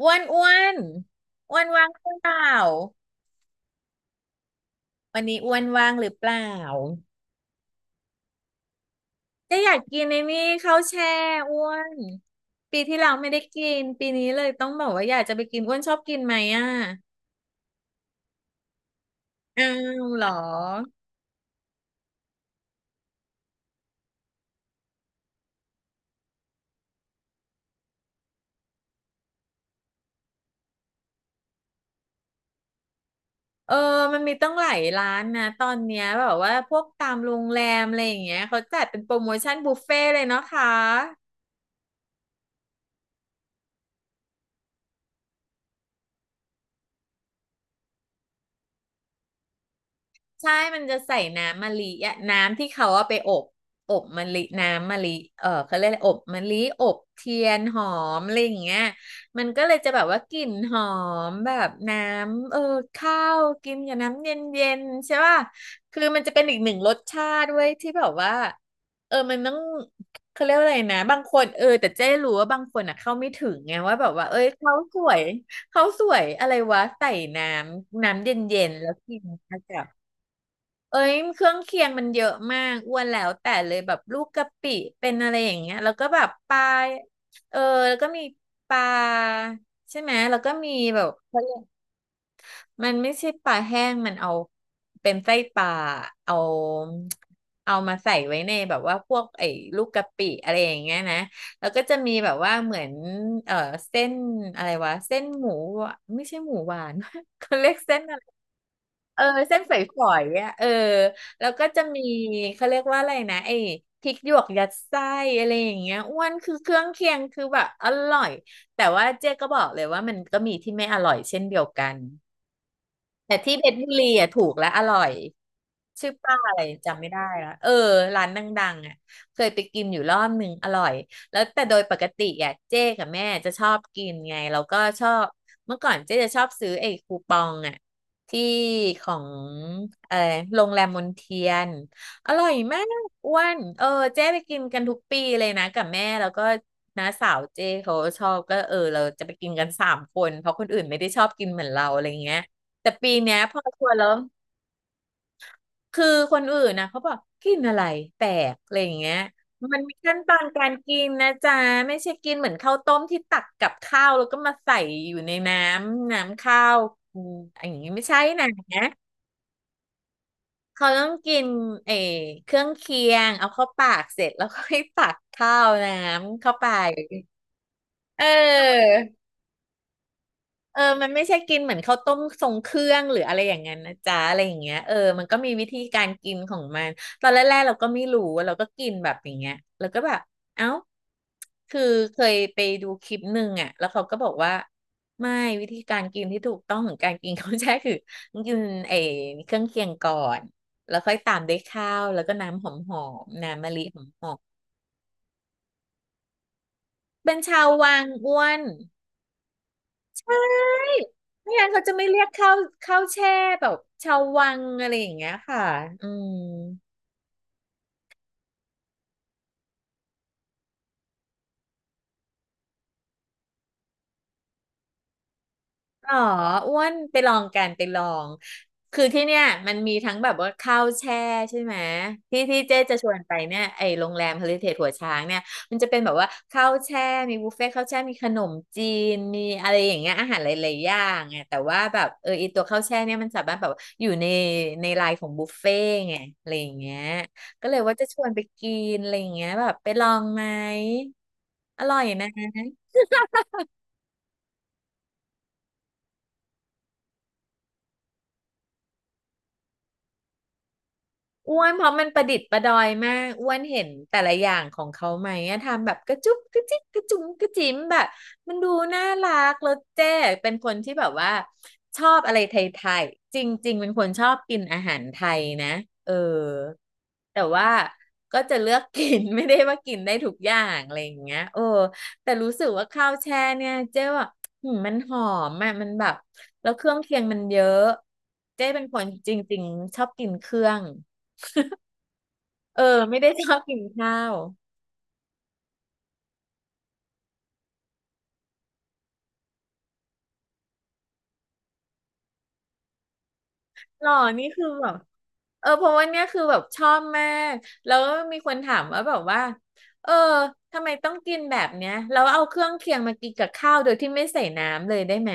อ้วนอ้วนว่างหรือเปล่าวันนี้อ้วนว่างหรือเปล่าก็อยากกินในนี่ข้าวแช่อ้วนปีที่แล้วไม่ได้กินปีนี้เลยต้องบอกว่าอยากจะไปกินอ้วนชอบกินไหมอ่ะอ้าวเหรอเออมันมีตั้งหลายร้านนะตอนเนี้ยแบบว่าพวกตามโรงแรมอะไรอย่างเงี้ยเขาจัดเป็นโปรโมชั่นบุฟเฟ่ต์เลยเนาะคะ ใช่มันจะใส่น้ำมะลิอะน้ำที่เขาเอาไปอบอบมะลิน้ำมะลิเออเขาเรียกอะไรอบมะลิอบเทียนหอมอะไรอย่างเงี้ยมันก็เลยจะแบบว่ากลิ่นหอมแบบน้ำเออข้าวกินกับน้ำเย็นๆใช่ป่ะคือมันจะเป็นอีกหนึ่งรสชาติด้วยที่แบบว่าเออมันต้องเขาเรียกว่าอะไรนะบางคนเออแต่เจ๊รู้ว่าบางคนอ่ะเข้าไม่ถึงไงว่าแบบว่าเอ้ยเขาสวยเขาสวยอะไรวะใส่น้น้ำเย็นๆแล้วกินอากาศ เอ้ยเครื่องเคียงมันเยอะมากอ้วนแล้วแต่เลยแบบลูกกะปิเป็นอะไรอย่างเงี้ยแล้วก็แบบปลาเออแล้วก็มีปลาใช่ไหมแล้วก็มีแบบ มันไม่ใช่ปลาแห้งมันเอาเป็นไส้ปลาเอาเอามาใส่ไว้ในแบบว่าพวกไอ้ลูกกะปิอะไรอย่างเงี้ยนะแล้วก็จะมีแบบว่าเหมือนเออเส้นอะไรวะเส้นหมูหวานไม่ใช่หมูหวาน เขาเรียกเส้นอะไรเออเส้นฝอยๆอ่ะเออแล้วก็จะมีเขาเรียกว่าอะไรนะไอ้พริกหยวกยัดไส้อะไรอย่างเงี้ยอ้วนคือเครื่องเคียงคือแบบอร่อยแต่ว่าเจ๊ก็บอกเลยว่ามันก็มีที่ไม่อร่อยเช่นเดียวกัน แต่ที่เพชรบุรีอ่ะถูกและอร่อย ชื่อป้าอะไรจำไม่ได้ละเออร้านดังๆอ่ะเคยไปกินอยู่รอบหนึ่งอร่อยแล้วแต่โดยปกติอ่ะเจ๊กับแม่จะชอบกินไงแล้วก็ชอบเมื่อก่อนเจ๊จะชอบซื้อไอ้คูปองอ่ะที่ของเออโรงแรมมนเทียนอร่อยมากอ้วนเออเจ๊ไปกินกันทุกปีเลยนะกับแม่แล้วก็น้าสาวเจ๊เขาชอบก็เออเราจะไปกินกันสามคนเพราะคนอื่นไม่ได้ชอบกินเหมือนเราอะไรเงี้ยแต่ปีเนี้ยพอชวนแล้ว คือคนอื่นนะเขาบอกกินอะไรแปลกอะไรอย่างเงี้ยมันมีขั้นตอนการกินนะจ๊ะไม่ใช่กินเหมือนข้าวต้มที่ตักกับข้าวแล้วก็มาใส่อยู่ในน้ำข้าวอืมอย่างนี้ไม่ใช่นะเขาต้องกินเออเครื่องเคียงเอาเข้าปากเสร็จแล้วก็ให้ตักข้าวน้ำเข้าไปเออ เออมันไม่ใช่กินเหมือนข้าวต้มทรงเครื่องหรืออะไรอย่างนั้นนะจ๊ะอะไรอย่างเงี้ยเออมันก็มีวิธีการกินของมัน ตอนแรกๆเราก็ไม่รู้เราก็กินแบบอย่างเงี้ยแล้วก็แบบเอ้าคือเคยไปดูคลิปหนึ่งอ่ะแล้วเขาก็บอกว่าไม่วิธีการกินที่ถูกต้องของการกินเขาวแช่คือกินไอ้เครื่องเคียงก่อน แล้วค่อยตามด้วยข้าวแล้วก็น้ำหอมๆน้ำมะลิหอมๆเป็นชาววังอ้วน ไม่งั้นเขาจะไม่เรียกข้าวแช่แบบชาววังอะไรอย่างเงี้ยค่ะอืม อ๋ออ้วนไปลองกันไปลองคือที่เนี่ยมันมีทั้งแบบว่าข้าวแช่ใช่ไหมที่ที่เจ๊จะชวนไปเนี่ยไอ้โรงแรมเฮลริเทจหัวช้างเนี่ยมันจะเป็นแบบว่าข้าวแช่มีบุฟเฟ่ต์ข้าวแช่มีขนมจีนมีอะไรอย่างเงี้ยอาหารหลายๆอย่างไงแต่ว่าแบบเออไอีตัวข้าวแช่เนี่ยมันสามารถแบบอยู่ในในไลน์ของบุฟเฟ่ต์ไงอะไรอย่างเงี้ยก็เลยว่าจะชวนไปกินอะไรอย่างเงี้ยแบบไปลองไหมอร่อยนะ อ้วนเพราะมันประดิษฐ์ประดอยมากอ้วนเห็นแต่ละอย่างของเขาไหมอะทำแบบกระจุกกระจิกกระจุงกระจิ๋มแบบมันดูน่ารักแล้วเจ๊เป็นคนที่แบบว่าชอบอะไรไทยๆจริงๆเป็นคนชอบกินอาหารไทยนะเออแต่ว่าก็จะเลือกกิน ไม่ได้ว่ากินได้ทุกอย่างอะไรอย่างเงี้ยโอ้แต่รู้สึกว่าข้าวแช่เนี่ยเจ๊ว่าหืมมันหอมอะมันแบบแล้วเครื่องเคียงมันเยอะเจ๊เป็นคนจริงๆชอบกินเครื่อง เออไม่ได้ชอบกินข้าวหรอนี่คือแบบเพราะว่าเนี่ยคือแบบชอบมากแล้วมีคนถามว่าแบบว่าเออทำไมต้องกินแบบเนี้ยเราเอาเครื่องเคียงมากินกับข้าวโดยที่ไม่ใส่น้ำเลยได้ไหม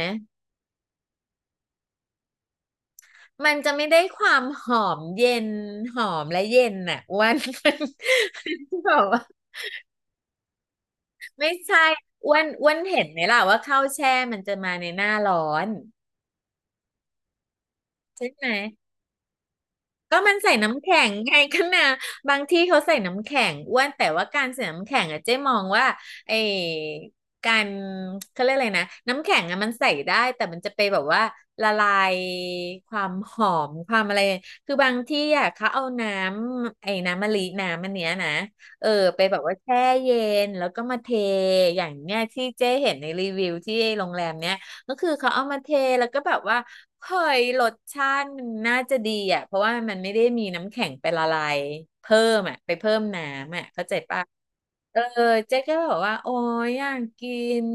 มันจะไม่ได้ความหอมเย็นหอมและเย็นน่ะอ้วน แบอกว่าไม่ใช่อ้วนเห็นไหมล่ะว่าข้าวแช่มันจะมาในหน้าร้อนใช่ไหม ก็มันใส่น้ำแข็งไงกันนะบางที่เขาใส่น้ำแข็งอ้วนแต่ว่าการใส่น้ำแข็งอะเจ๊มองว่าไอ้การเขาเรียกอะไรนะน้ำแข็งอะมันใส่ได้แต่มันจะไปแบบว่าละลายความหอมความอะไรคือบางที่อะเขาเอาน้ำไอ้น้ำมะลิน้ำมันเนี้ยนะเออไปแบบว่าแช่เย็นแล้วก็มาเทอย่างเนี้ยที่เจ๊เห็นในรีวิวที่โรงแรมเนี้ย ก็คือเขาเอามาเทแล้วก็แบบว่าเฮ้ยรสชาติมันน่าจะดีอ่ะเพราะว่ามันไม่ได้มีน้ำแข็งไปละลายเพิ่มอ่ะไปเพิ่มน้ำอ่ะเข้าใจปะ เออเจ๊ก็บอกว่าโอ้ยอยากกิน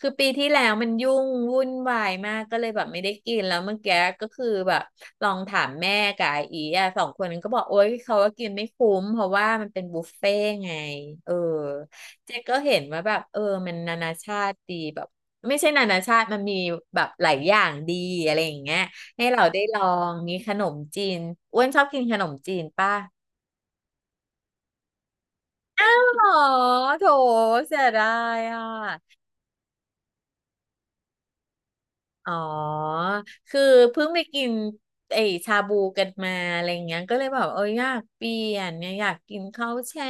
คือปีที่แล้วมันยุ่งวุ่นวายมากก็เลยแบบไม่ได้กินแล้วเมื่อกี้ก็คือแบบลองถามแม่กับอาอีอ่ะสองคนนั้นก็บอกโอ้ยเขาว่ากินไม่คุ้มเพราะว่ามันเป็นบุฟเฟ่ต์ไงเออเจ๊ก็เห็นว่าแบบเออมันนานาชาติดีแบบไม่ใช่นานาชาติมันมีแบบหลายอย่างดีอะไรอย่างเงี้ยให้เราได้ลองมีขนมจีนอ้วนชอบกินขนมจีนป่ะอ๋อโถเสียดายอ่ะ อ๋อ คือเพิ่งไปกินไอชาบูกันมาอะไรอย่างเงี้ยก็เลยแบบเอออยากเปลี่ยนเนี่ยอยากกินข้าวแช่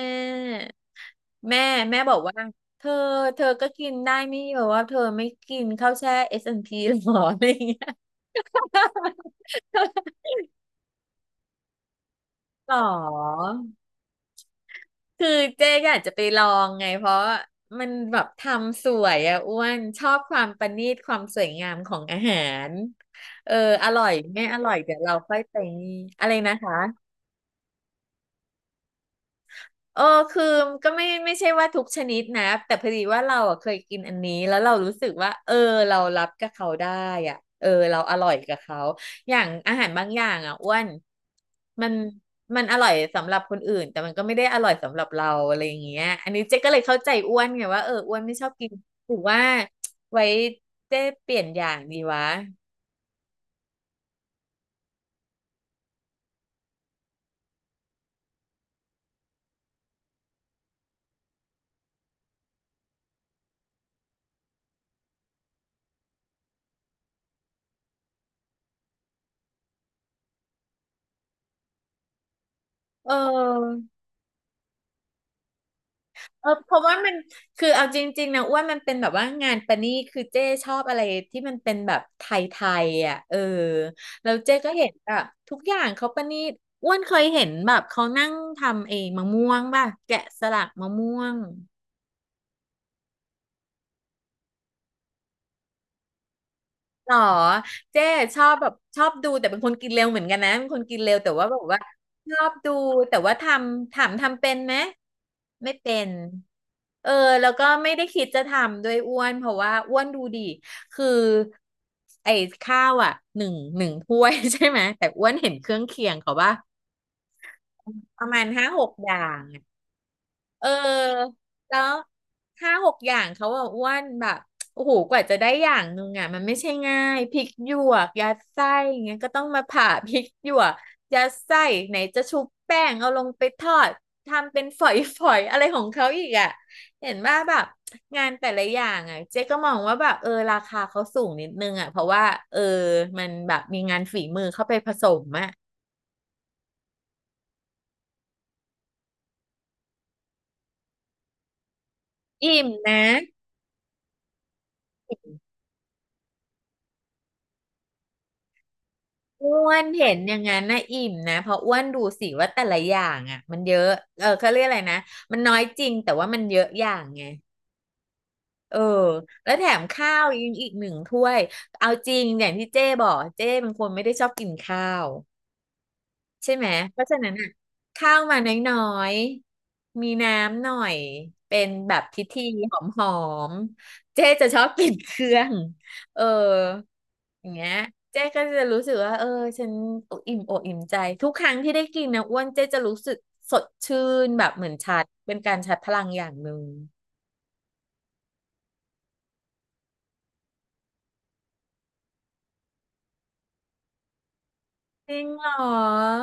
แม่แม่บอกว่าเธอเธอก็กินได้ไม่แบบว่าเธอไม่กินข้าวแช่ S&P หรออะไรอย่างเงี้ย หรอคือเจ๊อยากจะไปลองไงเพราะมันแบบทำสวยอะอ้วนชอบความประณีตความสวยงามของอาหารเอออร่อยไม่อร่อยเดี๋ยวเราค่อยไปนี่อะไรนะคะ เออคือก็ไม่ใช่ว่าทุกชนิดนะแต่พอดีว่าเราอ่ะเคยกินอันนี้แล้วเรารู้สึกว่าเออเรารับกับเขาได้อ่ะเออเราอร่อยกับเขาอย่างอาหารบางอย่างอ่ะอ้วนมันมันอร่อยสำหรับคนอื่นแต่มันก็ไม่ได้อร่อยสำหรับเราอะไรอย่างเงี้ยอันนี้เจ๊ก็เลยเข้าใจอ้วนไงว่าเอออ้วนไม่ชอบกินหรือว่าไว้เจ๊เปลี่ยนอย่างดีวะเออ เพราะว่ามันคือเอาจริงๆนะอ้วนมันเป็นแบบว่างานประณีตคือเจ้ชอบอะไรที่มันเป็นแบบไทยๆอ่ะเออแล้วเจ้ก็เห็นแบบทุกอย่างเขาประณีตอ้วนเคยเห็นแบบเขานั่งทำเองมะม่วงป่ะแกะสลักมะม่วง หรอเจ๊ชอบแบบชอบดูแต่เป็นคนกินเร็วเหมือนกันนะเป็นคนกินเร็วแต่ว่าแบบว่าชอบดูแต่ว่าทำถามทำเป็นไหมไม่เป็นเออแล้วก็ไม่ได้คิดจะทำด้วยอ้วนเพราะว่าอ้วนดูดีคือไอ้ข้าวอ่ะหนึ่งถ้วย ใช่ไหมแต่อ้วนเห็นเครื่องเคียงเขาว่าประมาณห้าหกอย่าง เออแล้วห้าหกอย่างเขาอะอ้วนแบบโอ้โหกว่าจะได้อย่างนึงอะมันไม่ใช่ง่ายพริกหยวกยัดไส้อย่างเงี้ยก็ต้องมาผ่าพริกหยวกยัดไส้ไหนจะชุบแป้งเอาลงไปทอดทำเป็นฝอยๆอะไรของเขาอีกอะเห็นว่าแบบงานแต่ละอย่างอะเจ๊ก็มองว่าแบบเออราคาเขาสูงนิดนึงอะเพราะว่าเออมันแบบมีงานฝีมือเข้าไปผสมอะอิ่มนะ อ้วนเห็นอย่างนั้นนะอิ่มนะเพราะอ้วนดูสิว่าแต่ละอย่างอ่ะมันเยอะเออเขาเรียกอะไรนะมันน้อยจริงแต่ว่ามันเยอะอย่างไงเออแล้วแถมข้าวยังอีกหนึ่งถ้วยเอาจริงอย่างที่เจ้บอกเจ้เป็นคนไม่ได้ชอบกินข้าว ใช่ไหม เพราะฉะนั้นอ่ะข้าวมาน้อยๆมีน้ำหน่อย เป็นแบบพิธีหอมๆ เจ๊จะชอบกินเครื่องเอออย่างเงี้ยเจ๊ก็จะรู้สึกว่าเออฉันออิ่มอกอิ่มใจทุกครั้งที่ได้กินนะอ้วนเจ๊จะรู้สึกสดชื่นแบบเหมือนชาร์จเป็นการชาร์จพลังอย่างหนึ่งจริงเหรอ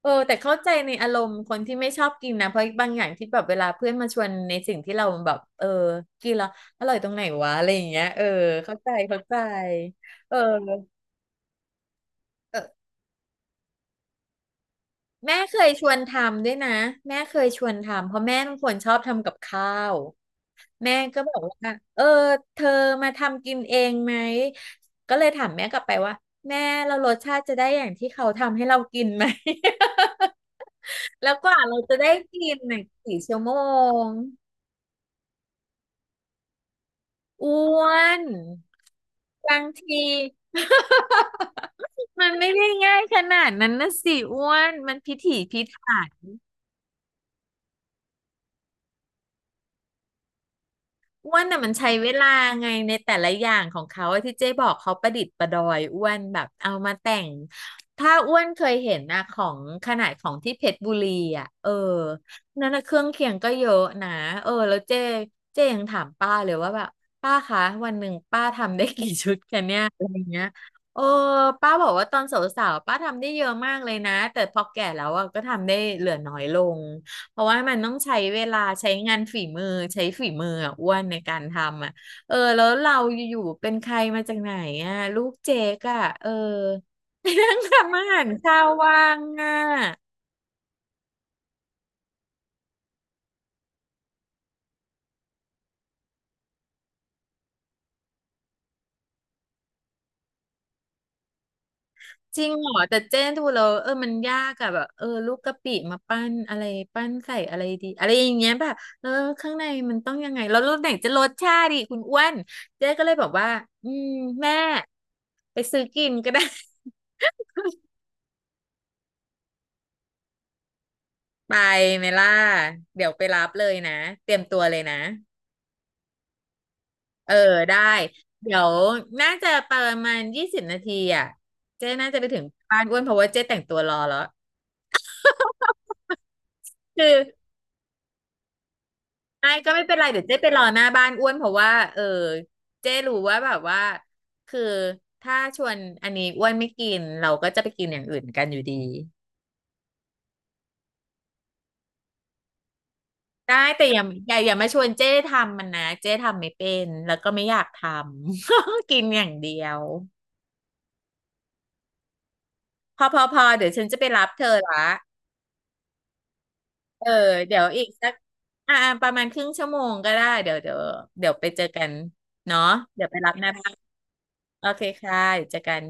เออแต่เข้าใจในอารมณ์คนที่ไม่ชอบกินนะเพราะบางอย่างที่แบบเวลาเพื่อนมาชวนในสิ่งที่เราแบบเออกินแล้วอร่อยตรงไหนวะอะไรอย่างเงี้ยเข้าใจเข้าใจเออเออแม่เคยชวนทำด้วยนะแม่เคยชวนทำเพราะแม่เป็นคนชอบทำกับข้าวแม่ก็บอกว่าเออเธอมาทำกินเองไหมก็เลยถามแม่กลับไปว่าแม่เรารสชาติจะได้อย่างที่เขาทำให้เรากินไหม แล้วกว่าเราจะได้กินน่ะกี่ชั่วโมง อ้วนบางที มันไม่ได้ง่ายขนาดนั้นนะสิอ้วนมันพิถีพิถัน อ้วนน่ะมันใช้เวลาไงในแต่ละอย่างของเขาอะที่เจ๊บอกเขาประดิษฐ์ประดอยอ้วนแบบเอามาแต่งถ้าอ้วนเคยเห็นนะของขนาดของที่เพชรบุรีอ่ะเออนั่นนะเครื่องเคียงก็เยอะนะเออแล้วเจ๊เจ๊ยังถามป้าเลยว่าแบบป้าคะวันหนึ่งป้าทำได้กี่ชุดกันเนี่ยอะไรอย่างเงี้ยโอ้ป้าบอกว่าตอนสาวๆป้าทำได้เยอะมากเลยนะแต่พอแก่แล้วอะก็ทำได้เหลือน้อยลง เพราะว่ามันต้องใช้เวลาใช้งานฝีมือใช้ฝีมืออ่ะอ้วนในการทำอ่ะเออแล้วเราอยู่ๆเป็นใครมาจากไหนอ่ะลูกเจ๊กอ่ะเออไปนั่งทำอาหารเช้าวว่างอ่ะจริงเหรอแต่เจนดูแล้วเออมันยากอ่ะแบบเออลูกกะปิมาปั้นอะไรปั้นใส่อะไรดีอะไรอย่างเงี้ยแบบเออข้างในมันต้องยังไงแล้วรสไหนจะรสชาติกคุณอ้วนเจ๊ก็เลยบอกว่าอืมแม่ไปซื้อกินก็ได้ ไปเมล่าเดี๋ยวไปรับเลยนะเตรียมตัวเลยนะเออได้เดี๋ยวน่าจะประมาณ20นาทีอ่ะเจ๊น่าจะไปถึงบ้านอ้วนเพราะว่าเจ๊แต่งตัวรอแล้วคือไอ้ก็ไม่เป็นไรเดี๋ยวเจ๊ไปรอหน้าบ้านอ้วนเพราะว่าเออเจ๊รู้ว่าแบบว่าคือถ้าชวนอันนี้อ้วนไม่กินเราก็จะไปกินอย่างอื่นกันอยู่ดีได้แต่อย่าอย่าอย่ามาชวนเจ๊ทำมันนะเจ๊ทำไม่เป็นแล้วก็ไม่อยากทำ กินอย่างเดียว พอพอพอเดี๋ยวฉันจะไปรับเธอละเออเดี๋ยวอีกสักอ่าประมาณครึ่งชั่วโมงก็ได้เดี๋ยวเดี๋ยวเดี๋ยวไปเจอกันเนาะเดี๋ยวไปรับหน้าบ้านโอเคค่ะเดี๋ยวเจอกัน